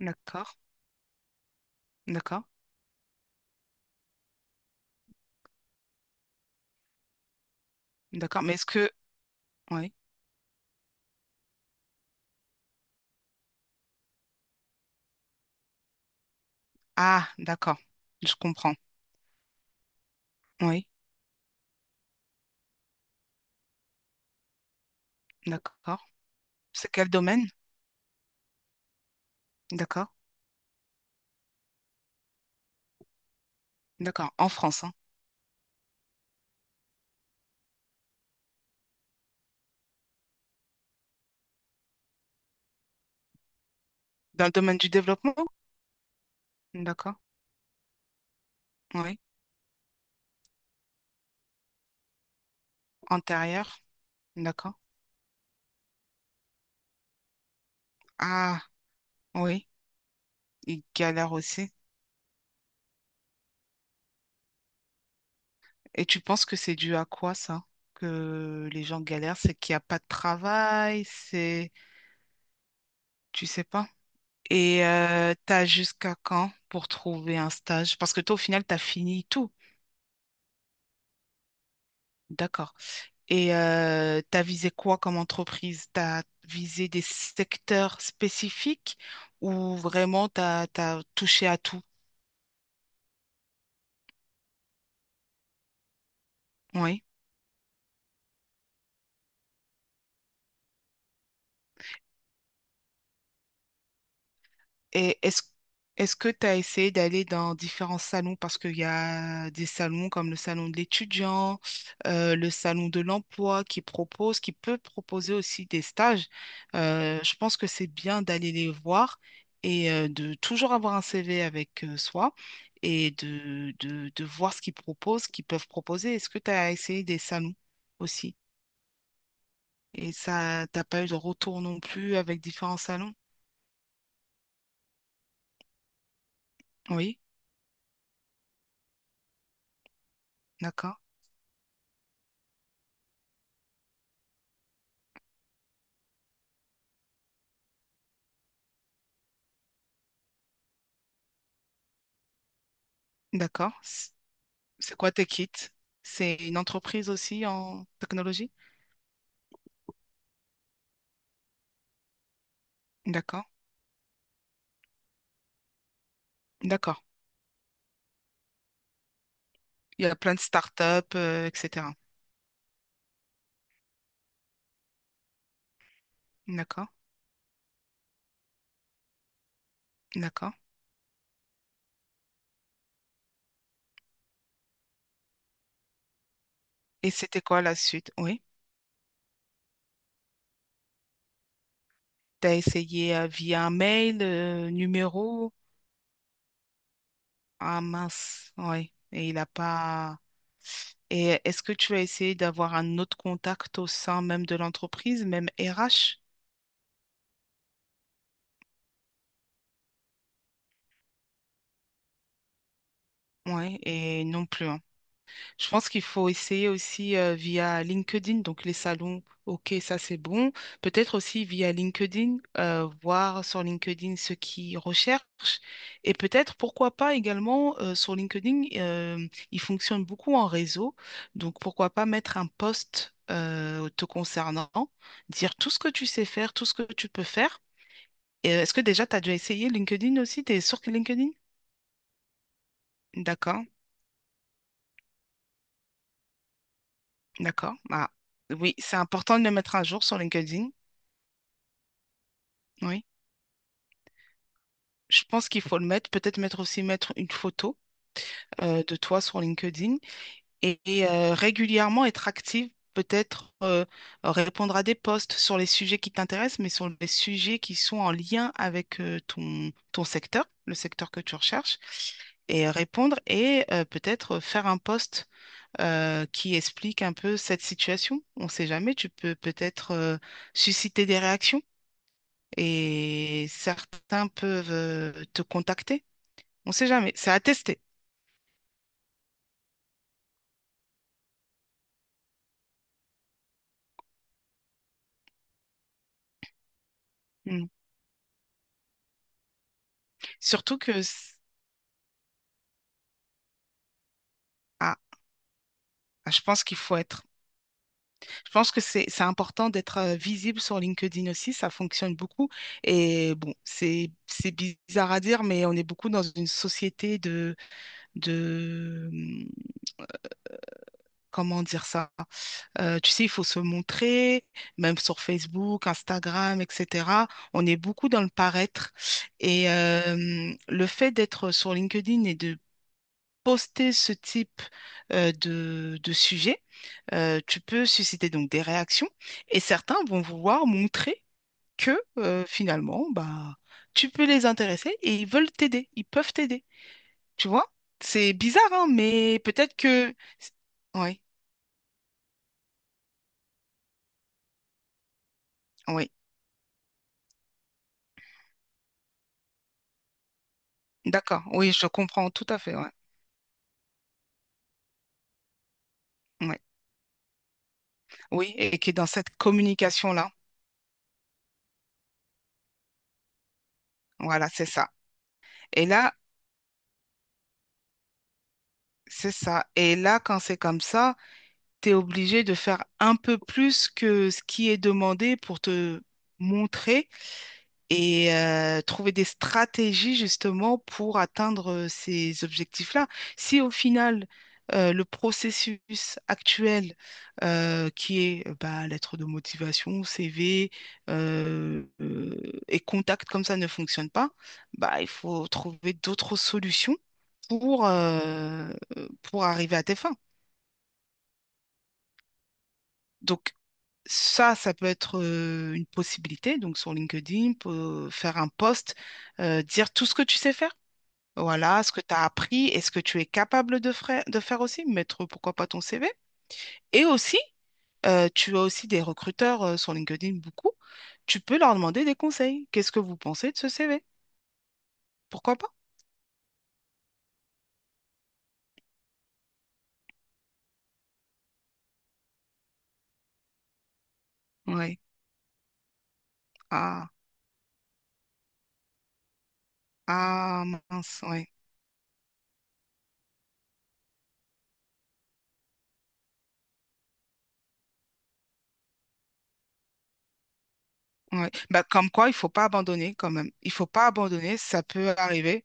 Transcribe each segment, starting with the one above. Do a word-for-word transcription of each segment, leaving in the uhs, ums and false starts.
D'accord, d'accord, d'accord. Mais est-ce que... Oui. Ah, d'accord. Je comprends. Oui, d'accord. C'est quel domaine? D'accord, d'accord. En France, hein. Dans le domaine du développement? D'accord, oui. Antérieur? D'accord. Ah, oui. Ils galèrent aussi. Et tu penses que c'est dû à quoi, ça? Que les gens galèrent, c'est qu'il n'y a pas de travail, c'est... Tu sais pas. Et euh, t'as jusqu'à quand pour trouver un stage? Parce que toi, au final, t'as fini tout. D'accord. Et euh, tu as visé quoi comme entreprise? Tu as visé des secteurs spécifiques ou vraiment tu as, touché à tout? Oui. Et est-ce est-ce que tu as essayé d'aller dans différents salons? Parce qu'il y a des salons comme le salon de l'étudiant, euh, le salon de l'emploi qui propose, qui peut proposer aussi des stages. Euh, je pense que c'est bien d'aller les voir et euh, de toujours avoir un C V avec euh, soi et de, de, de voir ce qu'ils proposent, ce qu'ils peuvent proposer. Est-ce que tu as essayé des salons aussi? Et ça, t'as pas eu de retour non plus avec différents salons? Oui, d'accord, d'accord. C'est quoi Techit? C'est une entreprise aussi en technologie? D'accord, d'accord. Il y a plein de startups, euh, et cetera. D'accord, d'accord. Et c'était quoi la suite? Oui. Tu as essayé euh, via un mail, euh, numéro? Ah mince, oui. Et il n'a pas. Et est-ce que tu as essayé d'avoir un autre contact au sein même de l'entreprise, même R H? Oui, et non plus, hein. Je pense qu'il faut essayer aussi euh, via LinkedIn, donc les salons, ok, ça c'est bon. Peut-être aussi via LinkedIn, euh, voir sur LinkedIn ce qu'ils recherchent. Et peut-être, pourquoi pas également, euh, sur LinkedIn, euh, il fonctionne beaucoup en réseau. Donc pourquoi pas mettre un post euh, te concernant, dire tout ce que tu sais faire, tout ce que tu peux faire. Et, euh, est-ce que déjà tu as déjà essayé LinkedIn aussi? Tu es sur LinkedIn? D'accord, d'accord. Ah. Oui, c'est important de le mettre à jour sur LinkedIn. Oui, je pense qu'il faut le mettre. Peut-être mettre aussi mettre une photo euh, de toi sur LinkedIn et, et, euh, régulièrement être active. Peut-être euh, répondre à des posts sur les sujets qui t'intéressent, mais sur les sujets qui sont en lien avec euh, ton, ton secteur, le secteur que tu recherches, et répondre et euh, peut-être faire un post euh, qui explique un peu cette situation. On ne sait jamais, tu peux peut-être euh, susciter des réactions et certains peuvent euh, te contacter. On sait jamais. C'est à tester. Mm. Surtout que, c- ah, ah, je pense qu'il faut être. Je pense que c'est c'est important d'être euh, visible sur LinkedIn aussi. Ça fonctionne beaucoup. Et bon, c'est c'est bizarre à dire, mais on est beaucoup dans une société de de hum, comment dire ça? Euh, tu sais, il faut se montrer, même sur Facebook, Instagram, et cetera. On est beaucoup dans le paraître. Et euh, le fait d'être sur LinkedIn et de poster ce type euh, de, de sujet, euh, tu peux susciter donc des réactions et certains vont vouloir montrer que euh, finalement, bah, tu peux les intéresser et ils veulent t'aider, ils peuvent t'aider. Tu vois? C'est bizarre, hein, mais peut-être que... Oui, oui, d'accord. Oui, je comprends tout à fait. Ouais. Ouais. Oui, et qui est dans cette communication-là. Voilà, c'est ça. Et là, c'est ça. Et là, quand c'est comme ça... tu es obligé de faire un peu plus que ce qui est demandé pour te montrer et euh, trouver des stratégies justement pour atteindre euh, ces objectifs-là. Si au final, euh, le processus actuel euh, qui est euh, bah, lettre de motivation, C V euh, euh, et contact comme ça ne fonctionne pas, bah, il faut trouver d'autres solutions pour, euh, pour arriver à tes fins. Donc, Ça, ça peut être euh, une possibilité. Donc, sur LinkedIn, peut faire un post, euh, dire tout ce que tu sais faire. Voilà, ce que tu as appris et ce que tu es capable de, fra- de faire aussi. Mettre, pourquoi pas, ton C V. Et aussi, euh, tu as aussi des recruteurs euh, sur LinkedIn, beaucoup. Tu peux leur demander des conseils. Qu'est-ce que vous pensez de ce C V? Pourquoi pas? Oui. Ah, ah, mince, oui. Ouais. Ouais. Bah, comme quoi, il faut pas abandonner quand même. Il faut pas abandonner, ça peut arriver.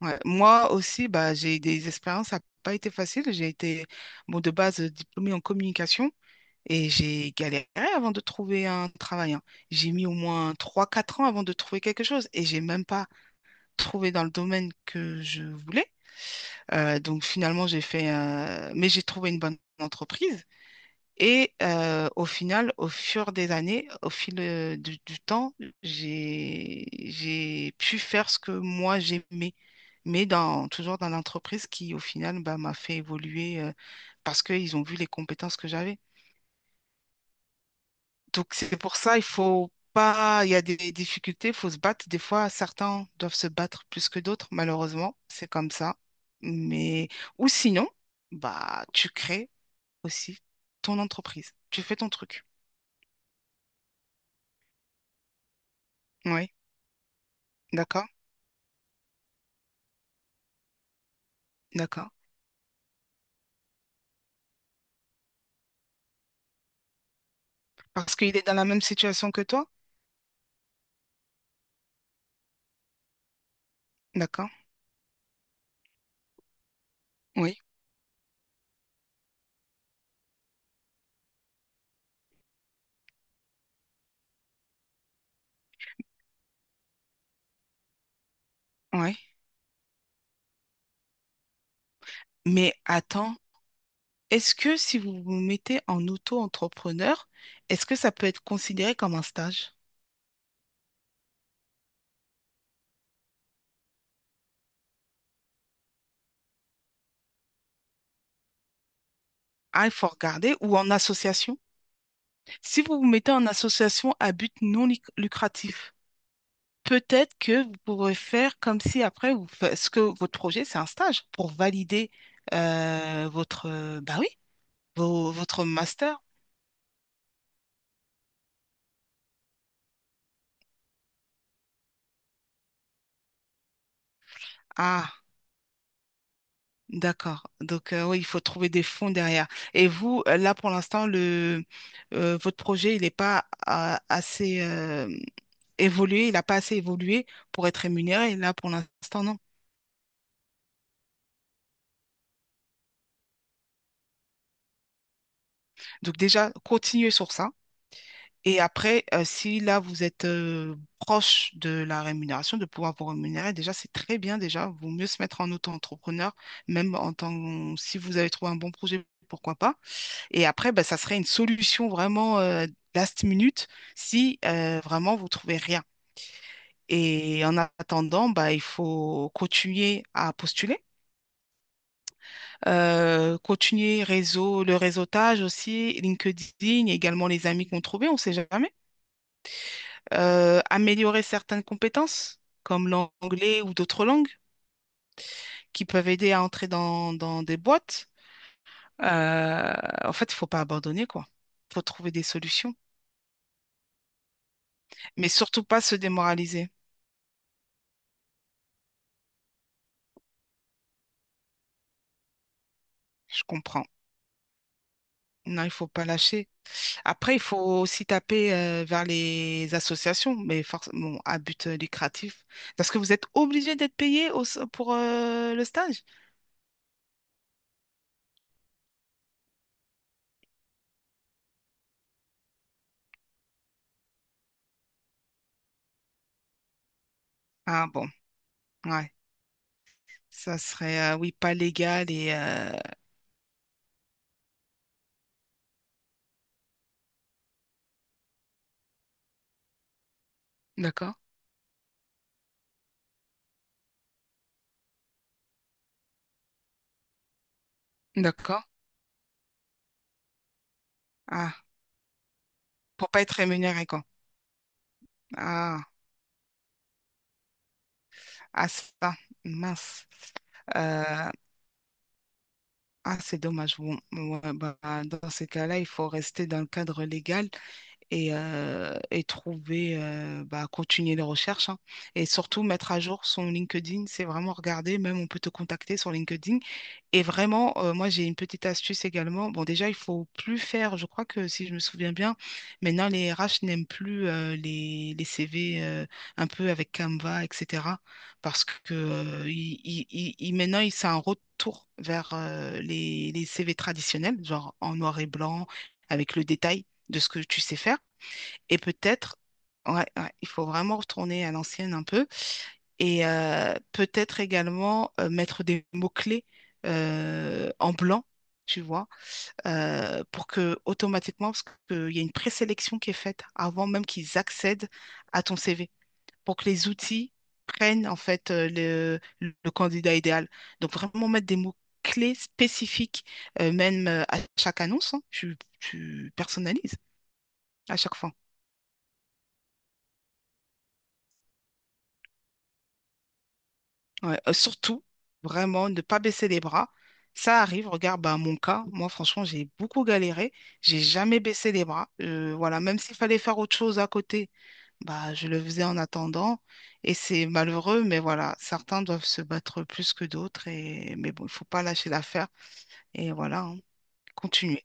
Ouais, Moi aussi, bah, j'ai des expériences, ça n'a pas été facile. J'ai été, bon, de base, euh, diplômée en communication et j'ai galéré avant de trouver un travail, hein. J'ai mis au moins trois, quatre ans avant de trouver quelque chose et j'ai même pas trouvé dans le domaine que je voulais. Euh, donc finalement, j'ai fait, euh, mais j'ai trouvé une bonne entreprise et euh, au final, au fur des années, au fil euh, du, du temps, j'ai j'ai pu faire ce que moi j'aimais, mais dans, toujours dans l'entreprise qui, au final, bah, m'a fait évoluer euh, parce qu'ils ont vu les compétences que j'avais. Donc c'est pour ça, il faut pas, il y a des difficultés, il faut se battre. Des fois, certains doivent se battre plus que d'autres, malheureusement, c'est comme ça. Mais ou sinon, bah tu crées aussi ton entreprise, tu fais ton truc. Oui. D'accord, d'accord. Parce qu'il est dans la même situation que toi? D'accord, oui, oui. Mais attends, est-ce que si vous vous mettez en auto-entrepreneur, est-ce que ça peut être considéré comme un stage? Ah, il faut regarder, ou en association. Si vous vous mettez en association à but non luc- lucratif, peut-être que vous pourrez faire comme si après, vous fa- ce que votre projet, c'est un stage pour valider euh, votre, euh, bah oui, vo- votre master. Ah. D'accord. Donc, euh, oui, il faut trouver des fonds derrière. Et vous, euh, là, pour l'instant, le, euh, votre projet, il n'est pas euh, assez euh, évolué, il n'a pas assez évolué pour être rémunéré. Là, pour l'instant, non. Donc, déjà, continuez sur ça. Et après, euh, si là, vous êtes euh, proche de la rémunération, de pouvoir vous rémunérer, déjà, c'est très bien. Déjà, vaut mieux se mettre en auto-entrepreneur, même en tant si vous avez trouvé un bon projet, pourquoi pas. Et après, bah, ça serait une solution vraiment euh, last minute si euh, vraiment vous trouvez rien. Et en attendant, bah, il faut continuer à postuler, euh, continuer réseau, le réseautage aussi, LinkedIn, et également les amis qu'on trouvait, on ne sait jamais. Euh, améliorer certaines compétences, comme l'anglais ou d'autres langues, qui peuvent aider à entrer dans, dans des boîtes. Euh, En fait, il ne faut pas abandonner, quoi. Il faut trouver des solutions, mais surtout pas se démoraliser. Je comprends. Non, il faut pas lâcher. Après, il faut aussi taper euh, vers les associations, mais forcément à but euh, lucratif. Parce que vous êtes obligé d'être payé au- pour euh, le stage? Ah bon, ouais. Ça serait, euh, oui, pas légal et... euh, D'accord, d'accord. Ah, pour pas être rémunéré, quoi. Ah, ah ça, mince. Euh, ah, c'est dommage. Bon, ouais, bah, dans ces cas-là, il faut rester dans le cadre légal et, euh, et trouver, euh, bah, continuer les recherches, hein. Et surtout, mettre à jour son LinkedIn, c'est vraiment regarder. Même, on peut te contacter sur LinkedIn. Et vraiment, euh, moi, j'ai une petite astuce également. Bon, déjà, il faut plus faire, je crois que si je me souviens bien, maintenant, les R H n'aiment plus euh, les, les C V euh, un peu avec Canva, et cetera. Parce que euh, il- il- il- il- maintenant, il- c'est un retour vers euh, les, les C V traditionnels, genre en noir et blanc, avec le détail de ce que tu sais faire. Et peut-être, ouais, ouais, il faut vraiment retourner à l'ancienne un peu. Et euh, peut-être également euh, mettre des mots-clés euh, en blanc, tu vois, euh, pour que automatiquement, parce qu'il y a une présélection qui est faite avant même qu'ils accèdent à ton C V, pour que les outils prennent en fait euh, le, le candidat idéal. Donc vraiment mettre des mots-clés spécifiques, euh, même euh, à chaque annonce, hein, tu, tu personnalises à chaque fois. Ouais, euh, surtout, vraiment, ne pas baisser les bras. Ça arrive, regarde, bah, mon cas, moi, franchement, j'ai beaucoup galéré. J'ai jamais baissé les bras. Euh, voilà, même s'il fallait faire autre chose à côté, bah, je le faisais en attendant. Et c'est malheureux, mais voilà, certains doivent se battre plus que d'autres. Et... Mais bon, il faut pas lâcher l'affaire. Et voilà, hein. Continuer.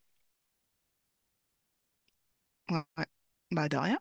Ouais, ouais. Bah, de rien.